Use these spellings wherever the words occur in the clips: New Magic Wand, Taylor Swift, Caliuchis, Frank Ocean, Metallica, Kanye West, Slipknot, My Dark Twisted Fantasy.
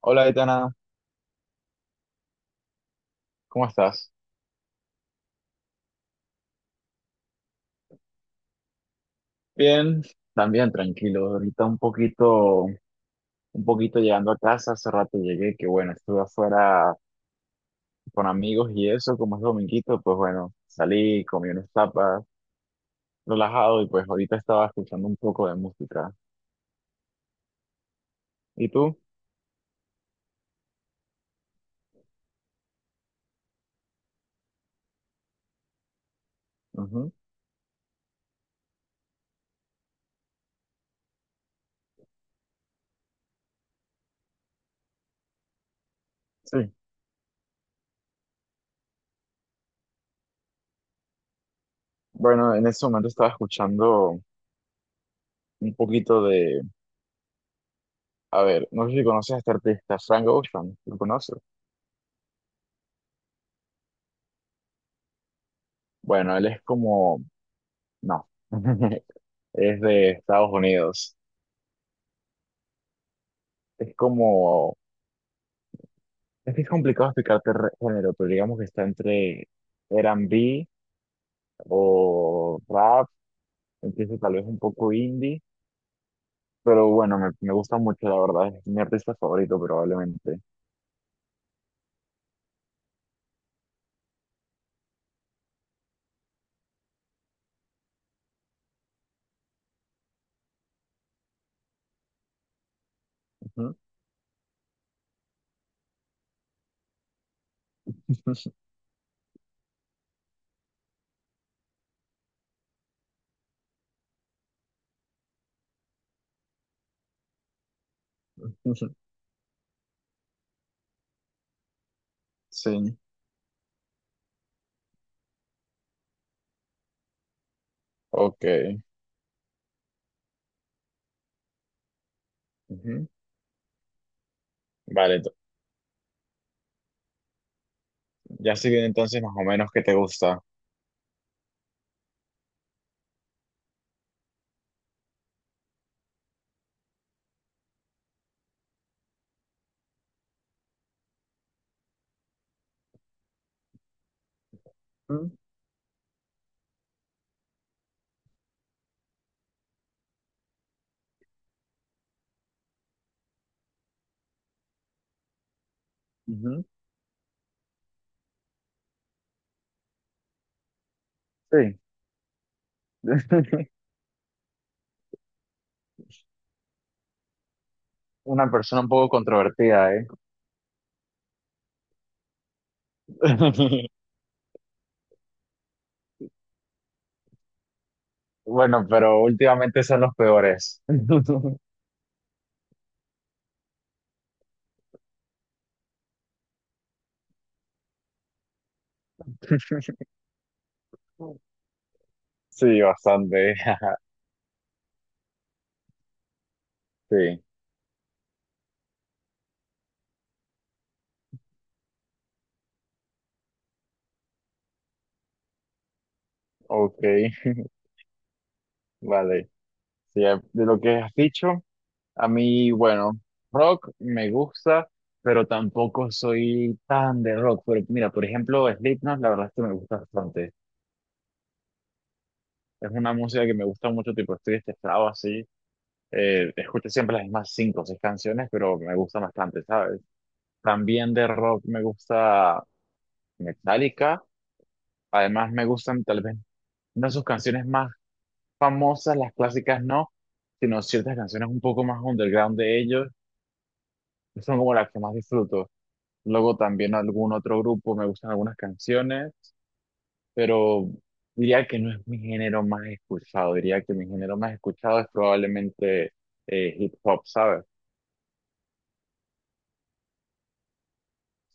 Hola, Aitana, ¿cómo estás? Bien, también tranquilo. Ahorita un poquito llegando a casa, hace rato llegué, que bueno, estuve afuera con amigos y eso, como es dominguito, pues bueno, salí, comí unas tapas, relajado y pues ahorita estaba escuchando un poco de música. ¿Y tú? Ujú. Sí. Bueno, en ese momento estaba escuchando un poquito de, a ver, no sé si conoces a este artista, Frank Ocean, ¿lo conoces? Bueno, él es como, no, es de Estados Unidos. Es como, es que es complicado explicarte género, pero digamos que está entre R&B o rap, empieza tal vez un poco indie, pero bueno, me gusta mucho, la verdad, es mi artista favorito probablemente. Ujú. Sí, ok. Ujú. Vale, ento- ya estoy bien entonces más o menos qué te gusta. Ujú. Ujú. Sí. Una persona un poco controvertida, ¿eh? Bueno, pero últimamente son los peores. Sí, bastante. Sí, ok, vale. Sí, de lo que has dicho, a mí, bueno, rock me gusta, pero tampoco soy tan de rock. Pero mira, por ejemplo, Slipknot, la verdad es que me gusta bastante. Es una música que me gusta mucho, tipo, estoy estresado así. Escucho siempre las mismas cinco o seis canciones, pero me gusta bastante, ¿sabes? También de rock me gusta Metallica. Además, me gustan tal vez una de sus canciones más famosas, las clásicas no, sino ciertas canciones un poco más underground de ellos, que son como las que más disfruto. Luego también algún otro grupo, me gustan algunas canciones, pero diría que no es mi género más escuchado, diría que mi género más escuchado es probablemente hip hop, ¿sabes?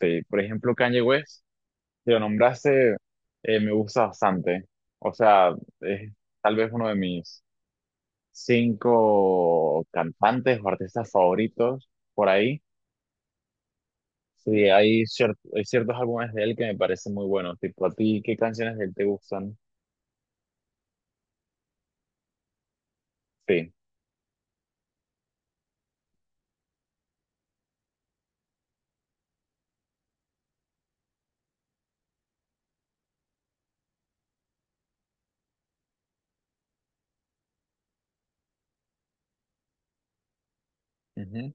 Sí, por ejemplo, Kanye West, que lo nombraste, me gusta bastante. O sea, es tal vez uno de mis cinco cantantes o artistas favoritos por ahí. Sí, hay ciertos álbumes de él que me parecen muy buenos. Tipo, ¿a ti qué canciones de él te gustan? Sí. Ujú.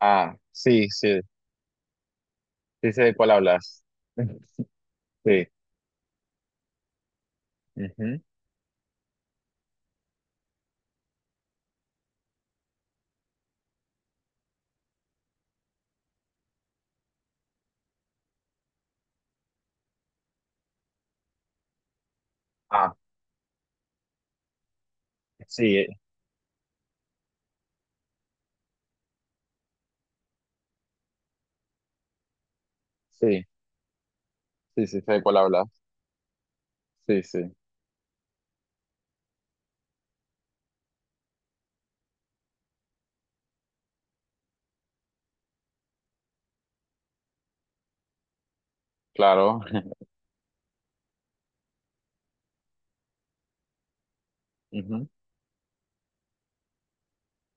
Ah, sí, sí. Sí sé de cuál hablas. Sí. Ujú. Ah, sí, sí. Sí, sí sé de cuál hablas. Sí, sí. Claro. Ujú.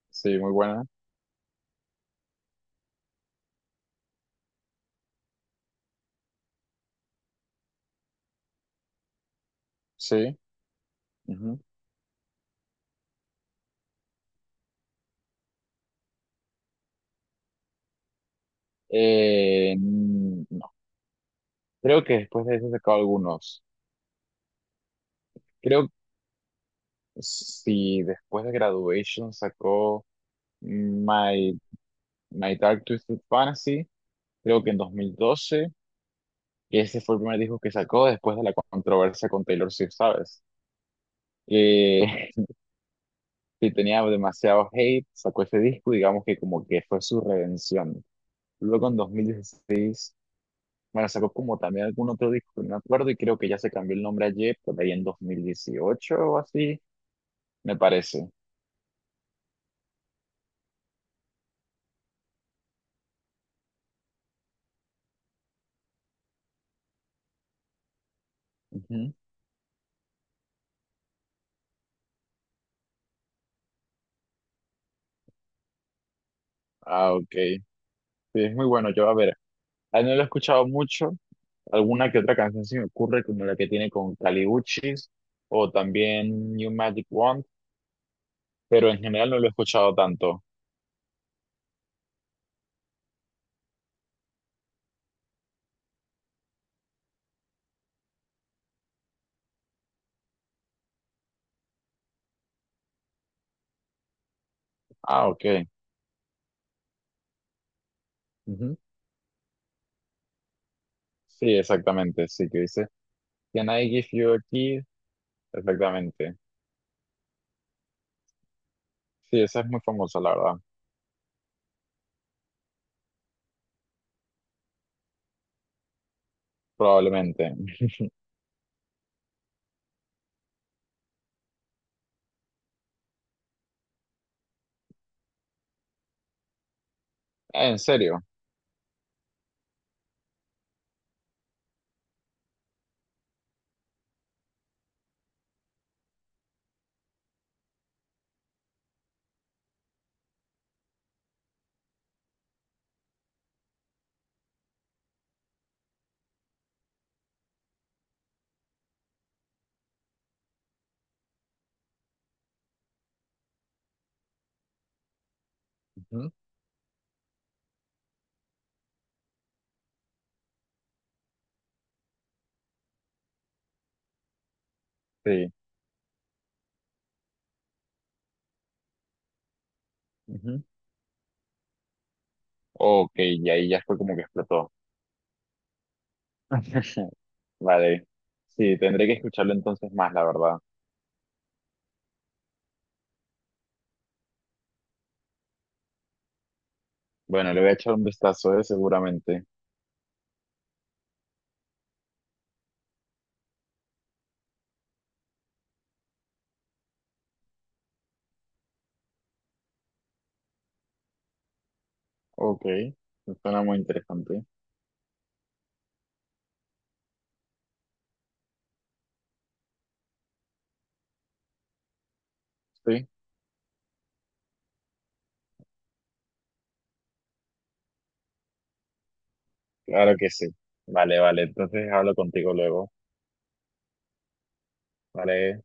Sí, muy buena. Sí. Ujú. Mm, no. Creo que después de eso sacó algunos. Creo si después de Graduation sacó... My My Dark Twisted Fantasy, creo que en 2012, y ese fue el primer disco que sacó después de la controversia con Taylor Swift, ¿sabes? Eh, que tenía demasiado hate, sacó ese disco, digamos que como que fue su redención. Luego en 2016 bueno, sacó como también algún otro disco que no me acuerdo, y creo que ya se cambió el nombre ayer, por ahí en 2018 o así, me parece. Ujú. Ah, ok. Sí, es muy bueno. Yo, a ver, a él no lo he escuchado mucho. Alguna que otra canción se me ocurre, como la que tiene con Caliuchis o también New Magic Wand, pero en general no lo he escuchado tanto. Ah, ok. Ujú. Sí, exactamente. Sí, que dice Can I give you a kiss? Exactamente. Sí, esa es muy famosa, la verdad. Probablemente. Ah, ¿en serio? Ujú. Sí. Ujú. Ok, y ahí ya fue como que explotó. Vale. Sí, tendré que escucharlo entonces más, la verdad. Bueno, le voy a echar un vistazo, seguramente. Ok, suena muy interesante. Sí, claro que sí. Vale, vale, entonces hablo contigo luego. Vale.